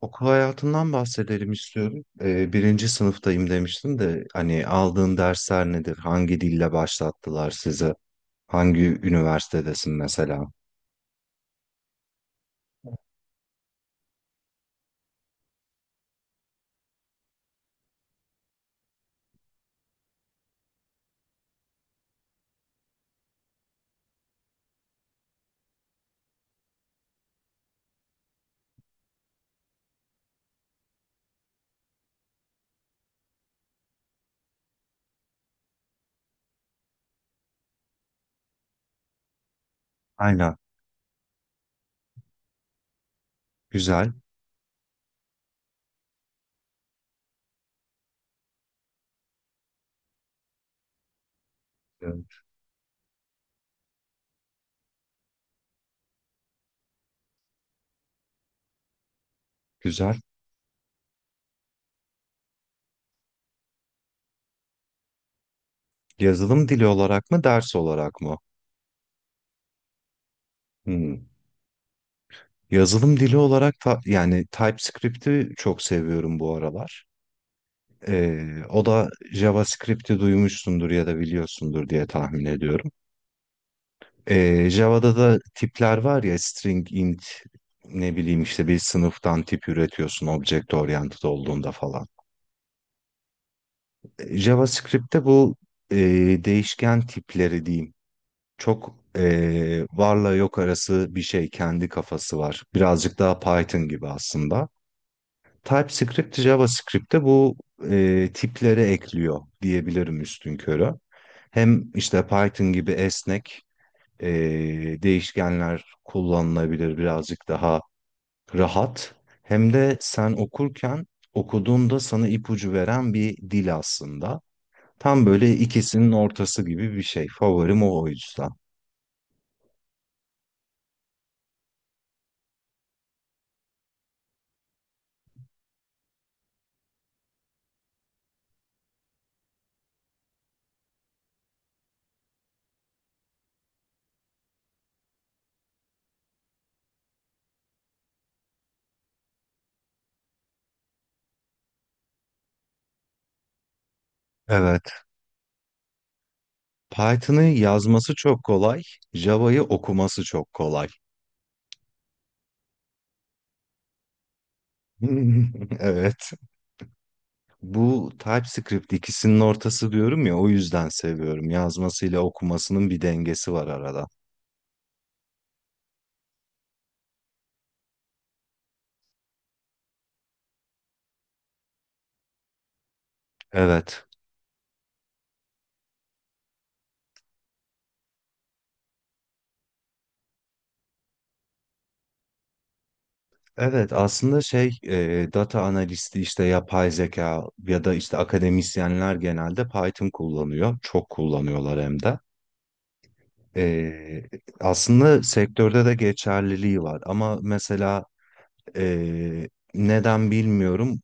Okul hayatından bahsedelim istiyorum. Birinci sınıftayım demiştin de hani aldığın dersler nedir? Hangi dille başlattılar sizi? Hangi üniversitedesin mesela? Aynen. Güzel. Evet. Güzel. Yazılım dili olarak mı, ders olarak mı? Hmm. Yazılım dili olarak ta- Yani TypeScript'i çok seviyorum bu aralar. O da JavaScript'i duymuşsundur ya da biliyorsundur diye tahmin ediyorum. Java'da da tipler var ya, string, int, ne bileyim işte bir sınıftan tip üretiyorsun object oriented olduğunda falan. JavaScript'te bu e, değişken tipleri diyeyim, çok varla yok arası bir şey, kendi kafası var. Birazcık daha Python gibi aslında. TypeScript JavaScript'te bu tipleri ekliyor diyebilirim üstünkörü. Hem işte Python gibi esnek e, değişkenler kullanılabilir, birazcık daha rahat. Hem de sen okurken okuduğunda sana ipucu veren bir dil aslında. Tam böyle ikisinin ortası gibi bir şey. Favorim o, o yüzden. Evet. Python'ı yazması çok kolay, Java'yı okuması çok kolay. Evet. Bu TypeScript ikisinin ortası diyorum ya, o yüzden seviyorum. Yazmasıyla okumasının bir dengesi var arada. Evet. Evet, aslında şey, data analisti, işte yapay zeka ya da işte akademisyenler genelde Python kullanıyor. Çok kullanıyorlar hem de. E, Aslında sektörde de geçerliliği var ama mesela e, neden bilmiyorum,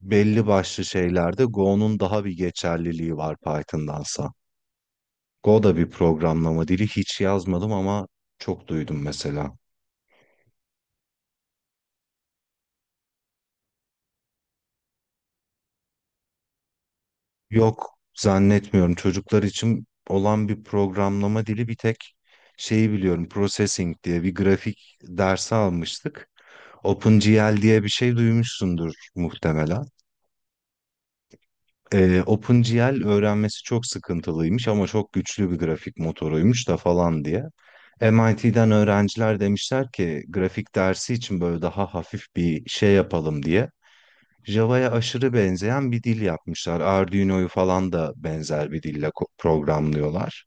belli başlı şeylerde Go'nun daha bir geçerliliği var Python'dansa. Go da bir programlama dili, hiç yazmadım ama çok duydum mesela. Yok, zannetmiyorum çocuklar için olan bir programlama dili, bir tek şeyi biliyorum, processing diye bir grafik dersi almıştık. OpenGL diye bir şey duymuşsundur muhtemelen. OpenGL öğrenmesi çok sıkıntılıymış ama çok güçlü bir grafik motoruymuş da falan diye. MIT'den öğrenciler demişler ki grafik dersi için böyle daha hafif bir şey yapalım diye. Java'ya aşırı benzeyen bir dil yapmışlar. Arduino'yu falan da benzer bir dille programlıyorlar.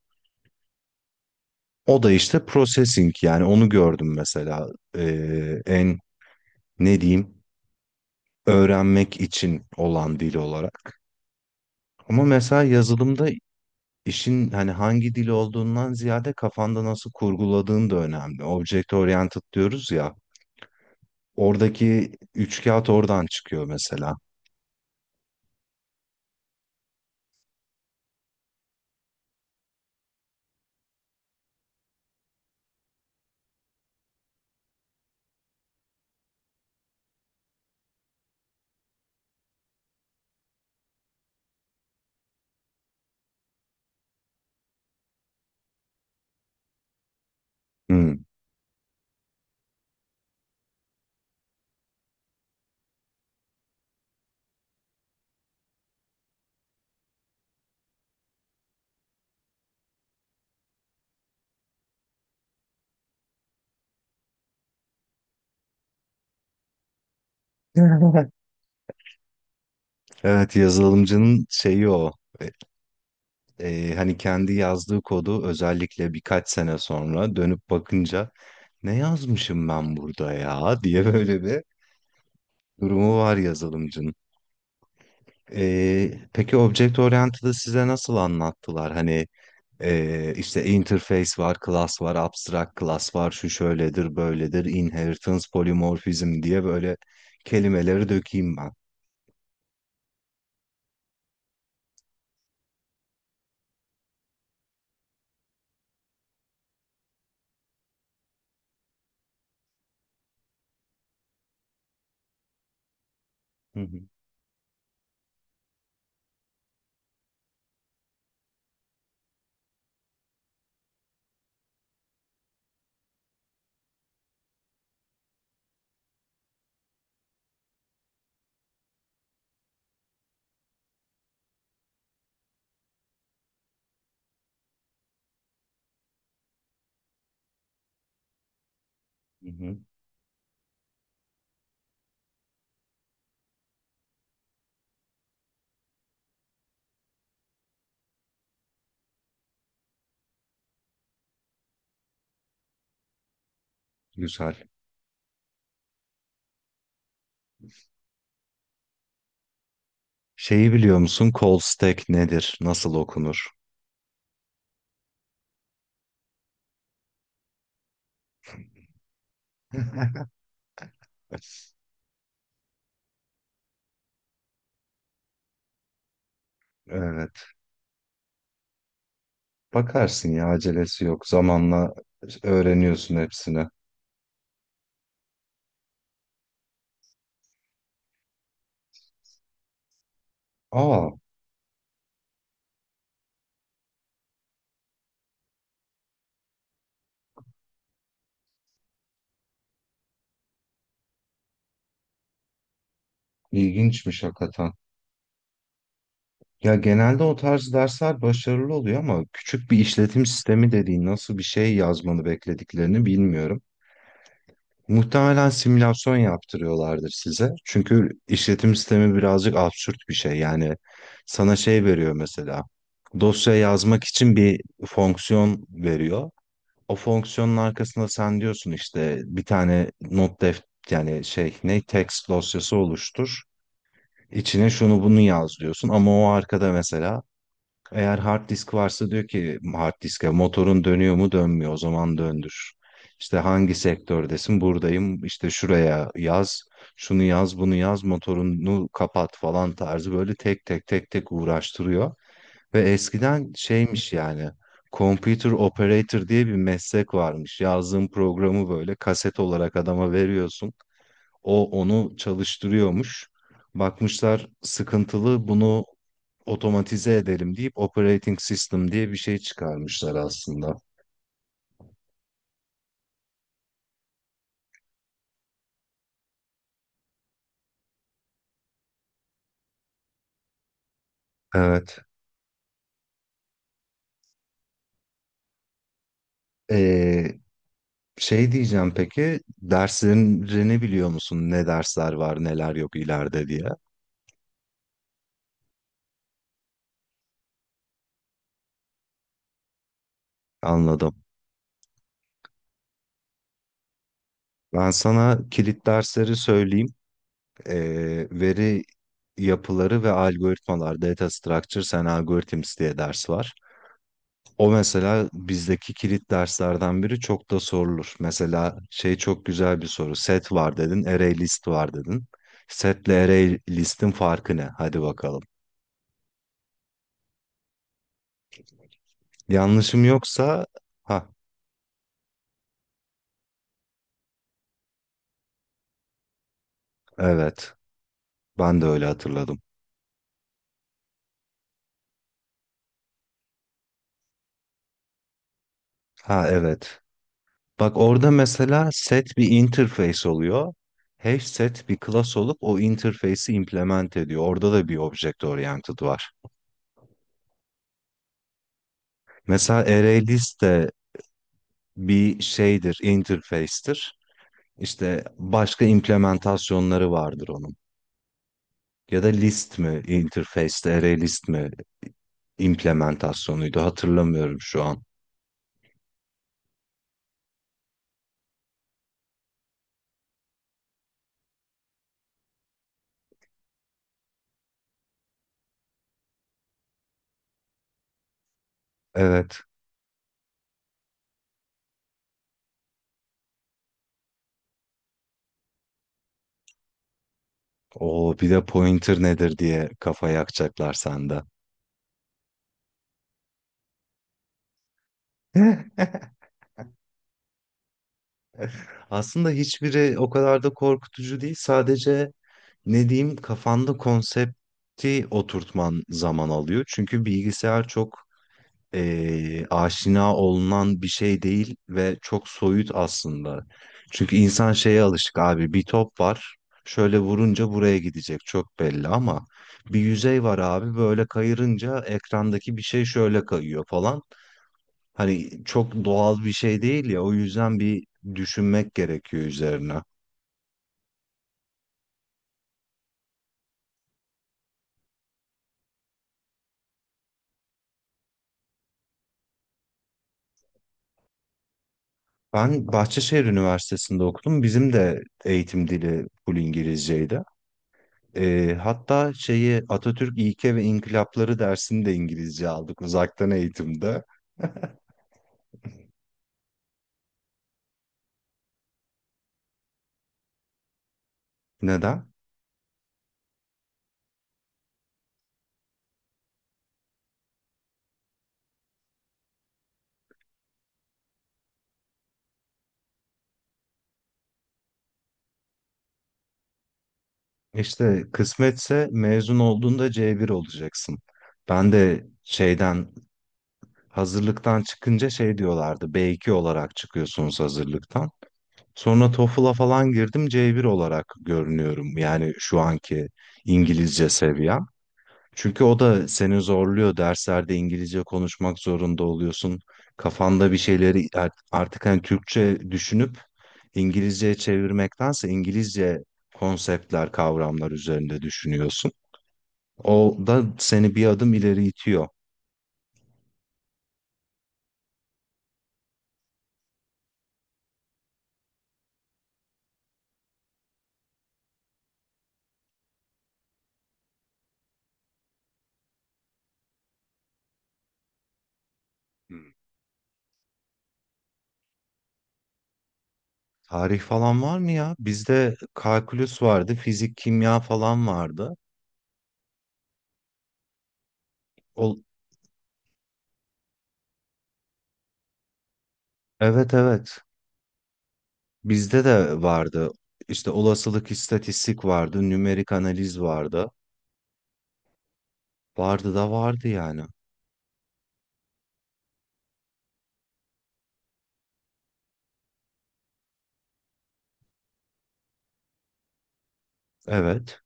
O da işte processing, yani onu gördüm mesela en, ne diyeyim, öğrenmek için olan dil olarak. Ama mesela yazılımda İşin hani hangi dil olduğundan ziyade kafanda nasıl kurguladığın da önemli. Object oriented diyoruz ya. Oradaki üç kağıt oradan çıkıyor mesela. Hmm. Evet, yazılımcının şeyi o. E, Hani kendi yazdığı kodu özellikle birkaç sene sonra dönüp bakınca "ne yazmışım ben burada ya" diye böyle bir durumu var yazılımcının. Peki Object Oriented'ı size nasıl anlattılar? Hani işte interface var, class var, abstract class var, şu şöyledir, böyledir, inheritance, polymorphism diye böyle kelimeleri dökeyim ben. Hı hı, hı hı. Güzel. Şeyi biliyor musun? Call stack nedir? Nasıl okunur? Evet. Bakarsın ya, acelesi yok. Zamanla öğreniyorsun hepsini. Aa, ilginçmiş hakikaten. Ya genelde o tarz dersler başarılı oluyor ama küçük bir işletim sistemi dediğin nasıl bir şey yazmanı beklediklerini bilmiyorum. Muhtemelen simülasyon yaptırıyorlardır size. Çünkü işletim sistemi birazcık absürt bir şey. Yani sana şey veriyor mesela. Dosya yazmak için bir fonksiyon veriyor. O fonksiyonun arkasında sen diyorsun işte bir tane not def, yani şey, ne, text dosyası oluştur. İçine şunu bunu yaz diyorsun ama o arkada mesela eğer hard disk varsa diyor ki hard diske, motorun dönüyor mu, dönmüyor, o zaman döndür. İşte hangi sektördesin, buradayım, işte şuraya yaz, şunu yaz, bunu yaz, motorunu kapat falan tarzı böyle tek tek tek tek uğraştırıyor. Ve eskiden şeymiş yani, computer operator diye bir meslek varmış. Yazdığın programı böyle kaset olarak adama veriyorsun. O onu çalıştırıyormuş. Bakmışlar sıkıntılı, bunu otomatize edelim deyip operating system diye bir şey çıkarmışlar aslında. Evet. Ee, Şey diyeceğim, peki derslerini biliyor musun? Ne dersler var, neler yok ileride diye. Anladım. Ben sana kilit dersleri söyleyeyim. Veri yapıları ve algoritmalar, data structures and algorithms diye ders var. O mesela bizdeki kilit derslerden biri, çok da sorulur. Mesela şey çok güzel bir soru. Set var dedin, array list var dedin. Setle array listin farkı ne? Hadi bakalım. Yanlışım yoksa, ha, evet. Ben de öyle hatırladım. Ha evet. Bak orada mesela set bir interface oluyor. Hash set bir class olup o interface'i implement ediyor. Orada da bir object oriented var. Mesela ArrayList de bir şeydir, interface'tir. İşte başka implementasyonları vardır onun. Ya da list mi interface, array list mi implementasyonuydu, hatırlamıyorum şu an. Evet. O bir de pointer nedir diye kafa yakacaklar sende. Aslında hiçbiri o kadar da korkutucu değil. Sadece, ne diyeyim, kafanda konsepti oturtman zaman alıyor. Çünkü bilgisayar çok aşina olunan bir şey değil ve çok soyut aslında. Çünkü insan şeye alışık, abi bir top var, şöyle vurunca buraya gidecek, çok belli ama bir yüzey var abi, böyle kayırınca ekrandaki bir şey şöyle kayıyor falan. Hani çok doğal bir şey değil ya, o yüzden bir düşünmek gerekiyor üzerine. Ben Bahçeşehir Üniversitesi'nde okudum. Bizim de eğitim dili full İngilizceydi. Hatta şeyi, Atatürk İlke ve İnkılapları dersini de İngilizce aldık, uzaktan eğitimde. Neden? İşte kısmetse mezun olduğunda C1 olacaksın. Ben de şeyden, hazırlıktan çıkınca şey diyorlardı. B2 olarak çıkıyorsunuz hazırlıktan. Sonra TOEFL'a falan girdim, C1 olarak görünüyorum. Yani şu anki İngilizce seviye. Çünkü o da seni zorluyor. Derslerde İngilizce konuşmak zorunda oluyorsun. Kafanda bir şeyleri artık hani Türkçe düşünüp İngilizceye çevirmektense İngilizce konseptler, kavramlar üzerinde düşünüyorsun. O da seni bir adım ileri itiyor. Hmm. Tarih falan var mı ya? Bizde kalkülüs vardı, fizik, kimya falan vardı. Ol, evet evet. Bizde de vardı. İşte olasılık, istatistik vardı, nümerik analiz vardı. Vardı da vardı yani. Evet,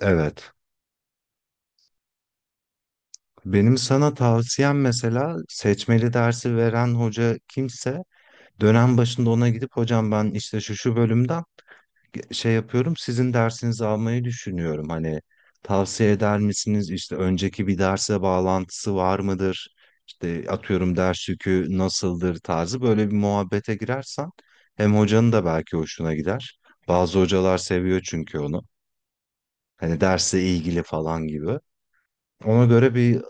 evet. Benim sana tavsiyem, mesela seçmeli dersi veren hoca kimse dönem başında ona gidip "hocam ben işte şu şu bölümden şey yapıyorum, sizin dersinizi almayı düşünüyorum. Hani tavsiye eder misiniz, işte önceki bir derse bağlantısı var mıdır? İşte atıyorum ders yükü nasıldır" tarzı böyle bir muhabbete girersen hem hocanın da belki hoşuna gider. Bazı hocalar seviyor çünkü onu. Hani derse ilgili falan gibi. Ona göre bir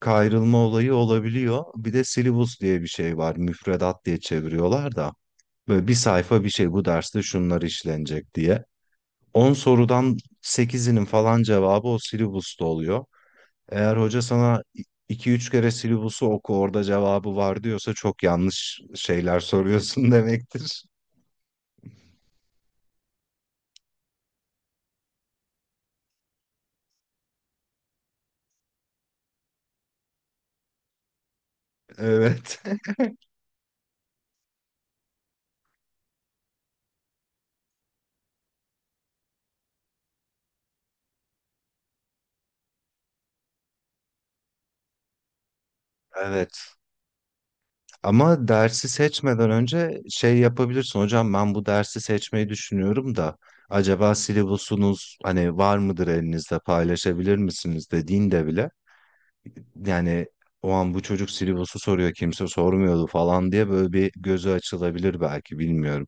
kayrılma olayı olabiliyor. Bir de syllabus diye bir şey var. Müfredat diye çeviriyorlar da. Böyle bir sayfa bir şey, bu derste şunlar işlenecek diye. 10 sorudan sekizinin falan cevabı o syllabus'ta oluyor. Eğer hoca sana iki üç kere "syllabus'u oku, orada cevabı var" diyorsa çok yanlış şeyler soruyorsun demektir. Evet. Evet. Ama dersi seçmeden önce şey yapabilirsin. "Hocam ben bu dersi seçmeyi düşünüyorum da acaba syllabus'unuz, hani var mıdır elinizde, paylaşabilir misiniz" dediğinde bile, yani, "o an bu çocuk syllabus'u soruyor, kimse sormuyordu" falan diye böyle bir gözü açılabilir belki, bilmiyorum.